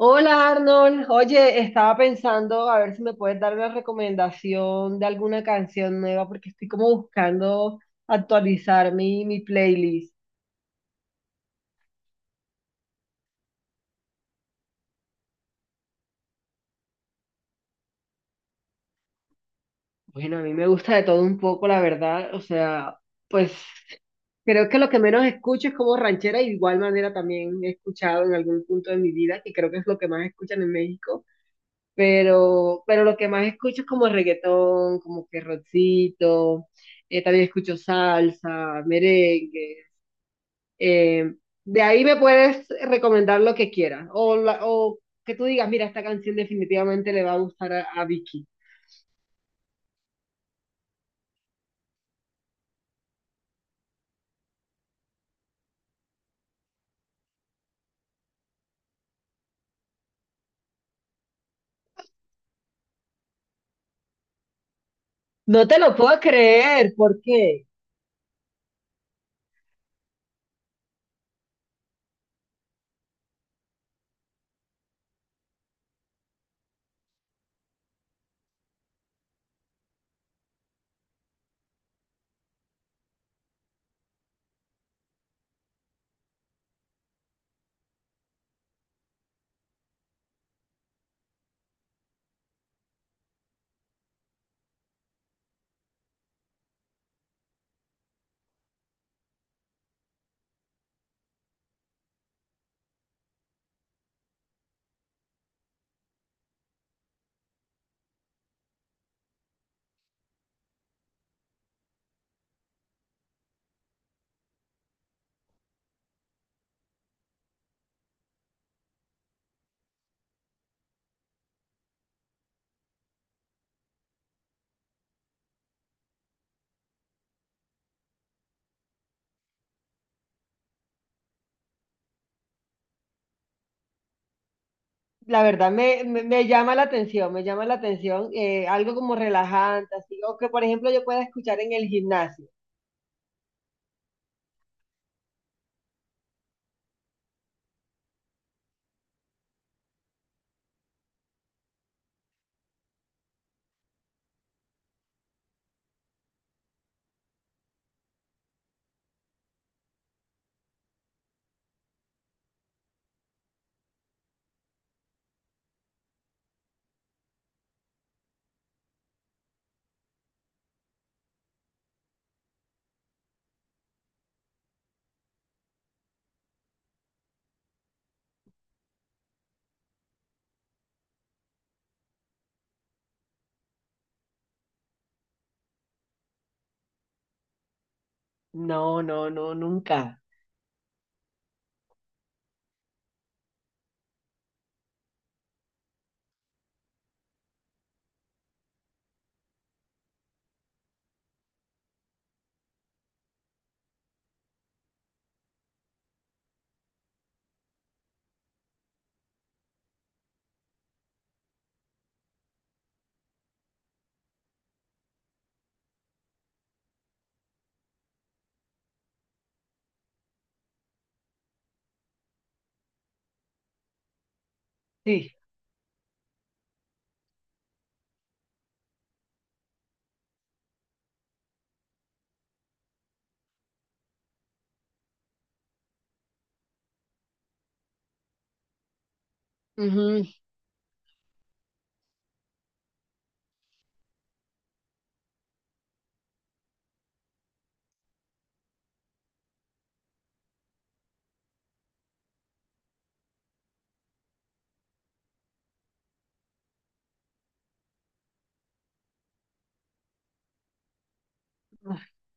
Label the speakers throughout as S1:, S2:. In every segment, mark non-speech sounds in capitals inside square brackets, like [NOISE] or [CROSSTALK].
S1: Hola Arnold, oye, estaba pensando a ver si me puedes dar una recomendación de alguna canción nueva porque estoy como buscando actualizar mi playlist. Bueno, a mí me gusta de todo un poco, la verdad, o sea, pues creo que lo que menos escucho es como ranchera, y de igual manera también he escuchado en algún punto de mi vida, que creo que es lo que más escuchan en México, pero lo que más escucho es como reggaetón, como que rockcito, también escucho salsa, merengue. Eh, de ahí me puedes recomendar lo que quieras o que tú digas, mira, esta canción definitivamente le va a gustar a Vicky. No te lo puedo creer, ¿por qué? La verdad me llama la atención, me llama la atención algo como relajante, así, o que por ejemplo yo pueda escuchar en el gimnasio. No, no, no, nunca. Sí, ujú.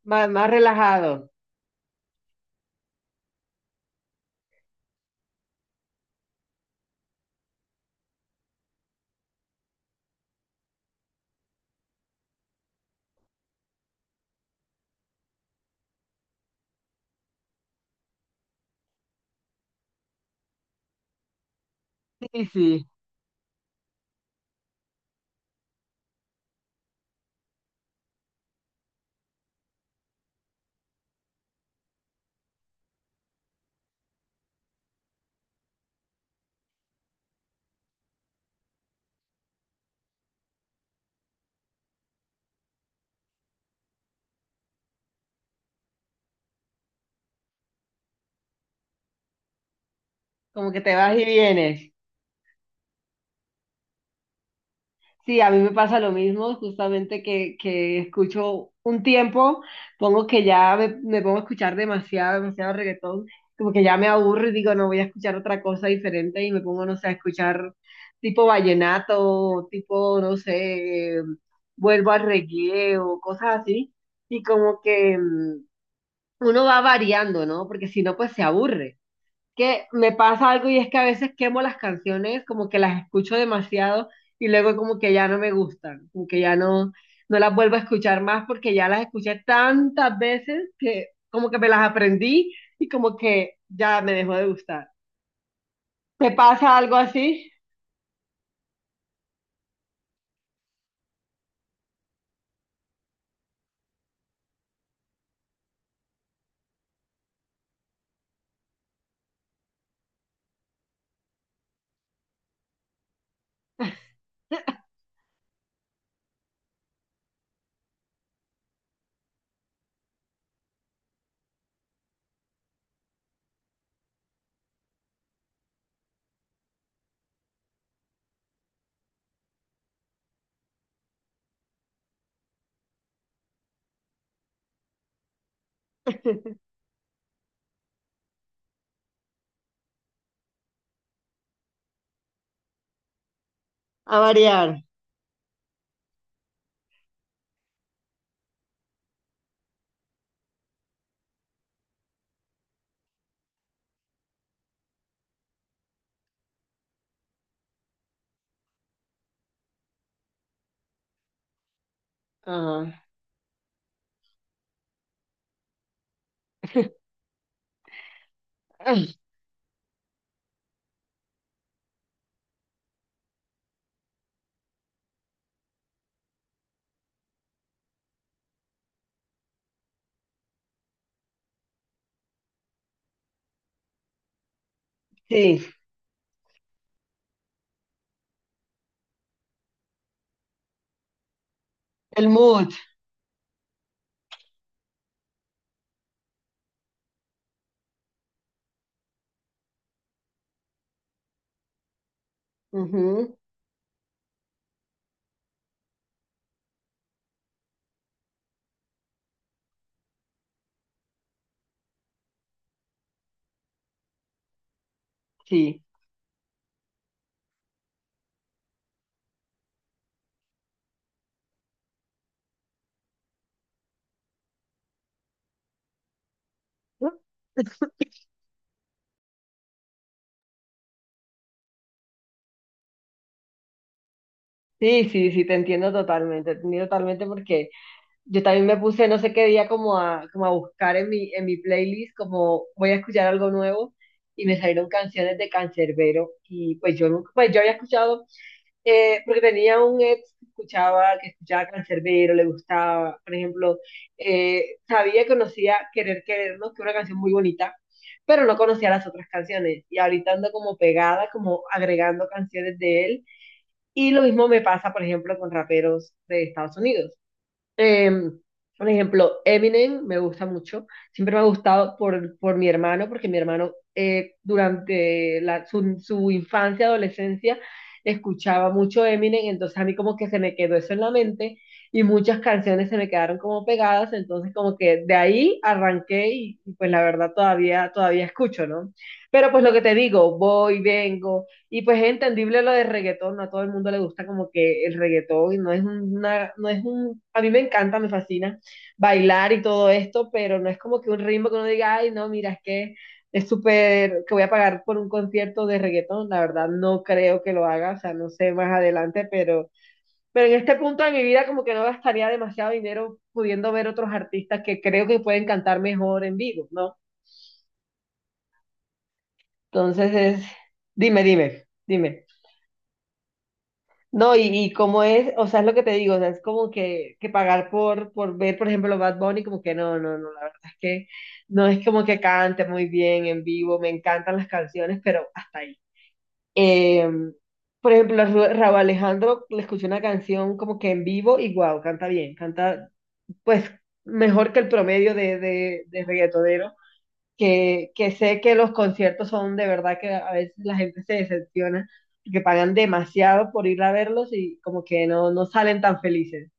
S1: Más, más relajado. Sí, sí, como que te vas y vienes. Sí, a mí me pasa lo mismo, justamente que escucho un tiempo, pongo que ya me pongo a escuchar demasiado, demasiado reggaetón, como que ya me aburro y digo, no voy a escuchar otra cosa diferente y me pongo, no sé, a escuchar tipo vallenato, tipo, no sé, vuelvo al reggae o cosas así, y como que uno va variando, ¿no? Porque si no, pues se aburre, que me pasa algo y es que a veces quemo las canciones, como que las escucho demasiado y luego como que ya no me gustan, como que ya no, no las vuelvo a escuchar más porque ya las escuché tantas veces que como que me las aprendí y como que ya me dejó de gustar. ¿Te pasa algo así? A variar. Ajá. Sí, el mood. Ujú. Sí. [LAUGHS] Sí, sí, sí, te entiendo totalmente porque yo también me puse no sé qué día como a, como a buscar en mi playlist, como voy a escuchar algo nuevo, y me salieron canciones de Canserbero, y pues yo nunca, pues yo había escuchado, porque tenía un ex que escuchaba Canserbero, le gustaba, por ejemplo, sabía, conocía Querer Querernos, que es una canción muy bonita, pero no conocía las otras canciones, y ahorita ando como pegada, como agregando canciones de él, y lo mismo me pasa, por ejemplo, con raperos de Estados Unidos. Em, por ejemplo, Eminem me gusta mucho. Siempre me ha gustado por mi hermano, porque mi hermano durante su infancia, adolescencia, escuchaba mucho Eminem, entonces a mí como que se me quedó eso en la mente y muchas canciones se me quedaron como pegadas, entonces como que de ahí arranqué y pues la verdad todavía escucho, ¿no? Pero pues lo que te digo, voy, vengo. Y pues es entendible lo de reggaetón, no a todo el mundo le gusta como que el reggaetón, y no es una, no es un, a mí me encanta, me fascina bailar y todo esto, pero no es como que un ritmo que uno diga, ay, no, mira, es que es súper, que voy a pagar por un concierto de reggaetón, la verdad no creo que lo haga, o sea, no sé más adelante, pero en este punto de mi vida como que no gastaría demasiado dinero pudiendo ver otros artistas que creo que pueden cantar mejor en vivo, ¿no? Entonces es, dime, dime, dime. No, y como es, o sea, es lo que te digo, o sea, es como que pagar por ver, por ejemplo, Bad Bunny, como que no, no, no, la verdad es que no es como que cante muy bien en vivo, me encantan las canciones, pero hasta ahí. Eh, por ejemplo, a Rauw Alejandro le escuché una canción como que en vivo y wow, canta bien, canta pues mejor que el promedio de reggaetonero, que sé que los conciertos son de verdad que a veces la gente se decepciona, que pagan demasiado por ir a verlos y como que no, no salen tan felices.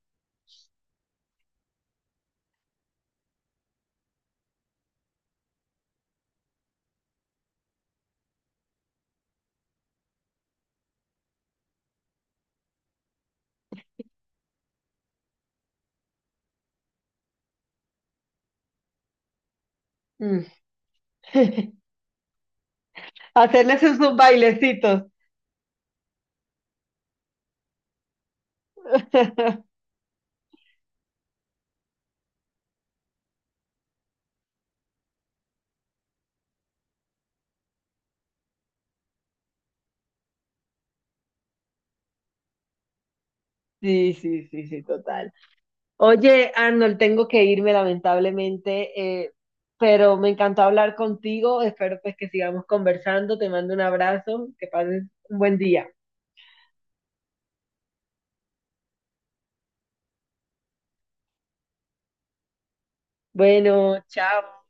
S1: Mm. [LAUGHS] Hacerles esos bailecitos. [LAUGHS] Sí, sí, sí, sí, total. Oye, Arnold, tengo que irme lamentablemente, pero me encantó hablar contigo. Espero pues que sigamos conversando. Te mando un abrazo. Que pases un buen día. Bueno, chao.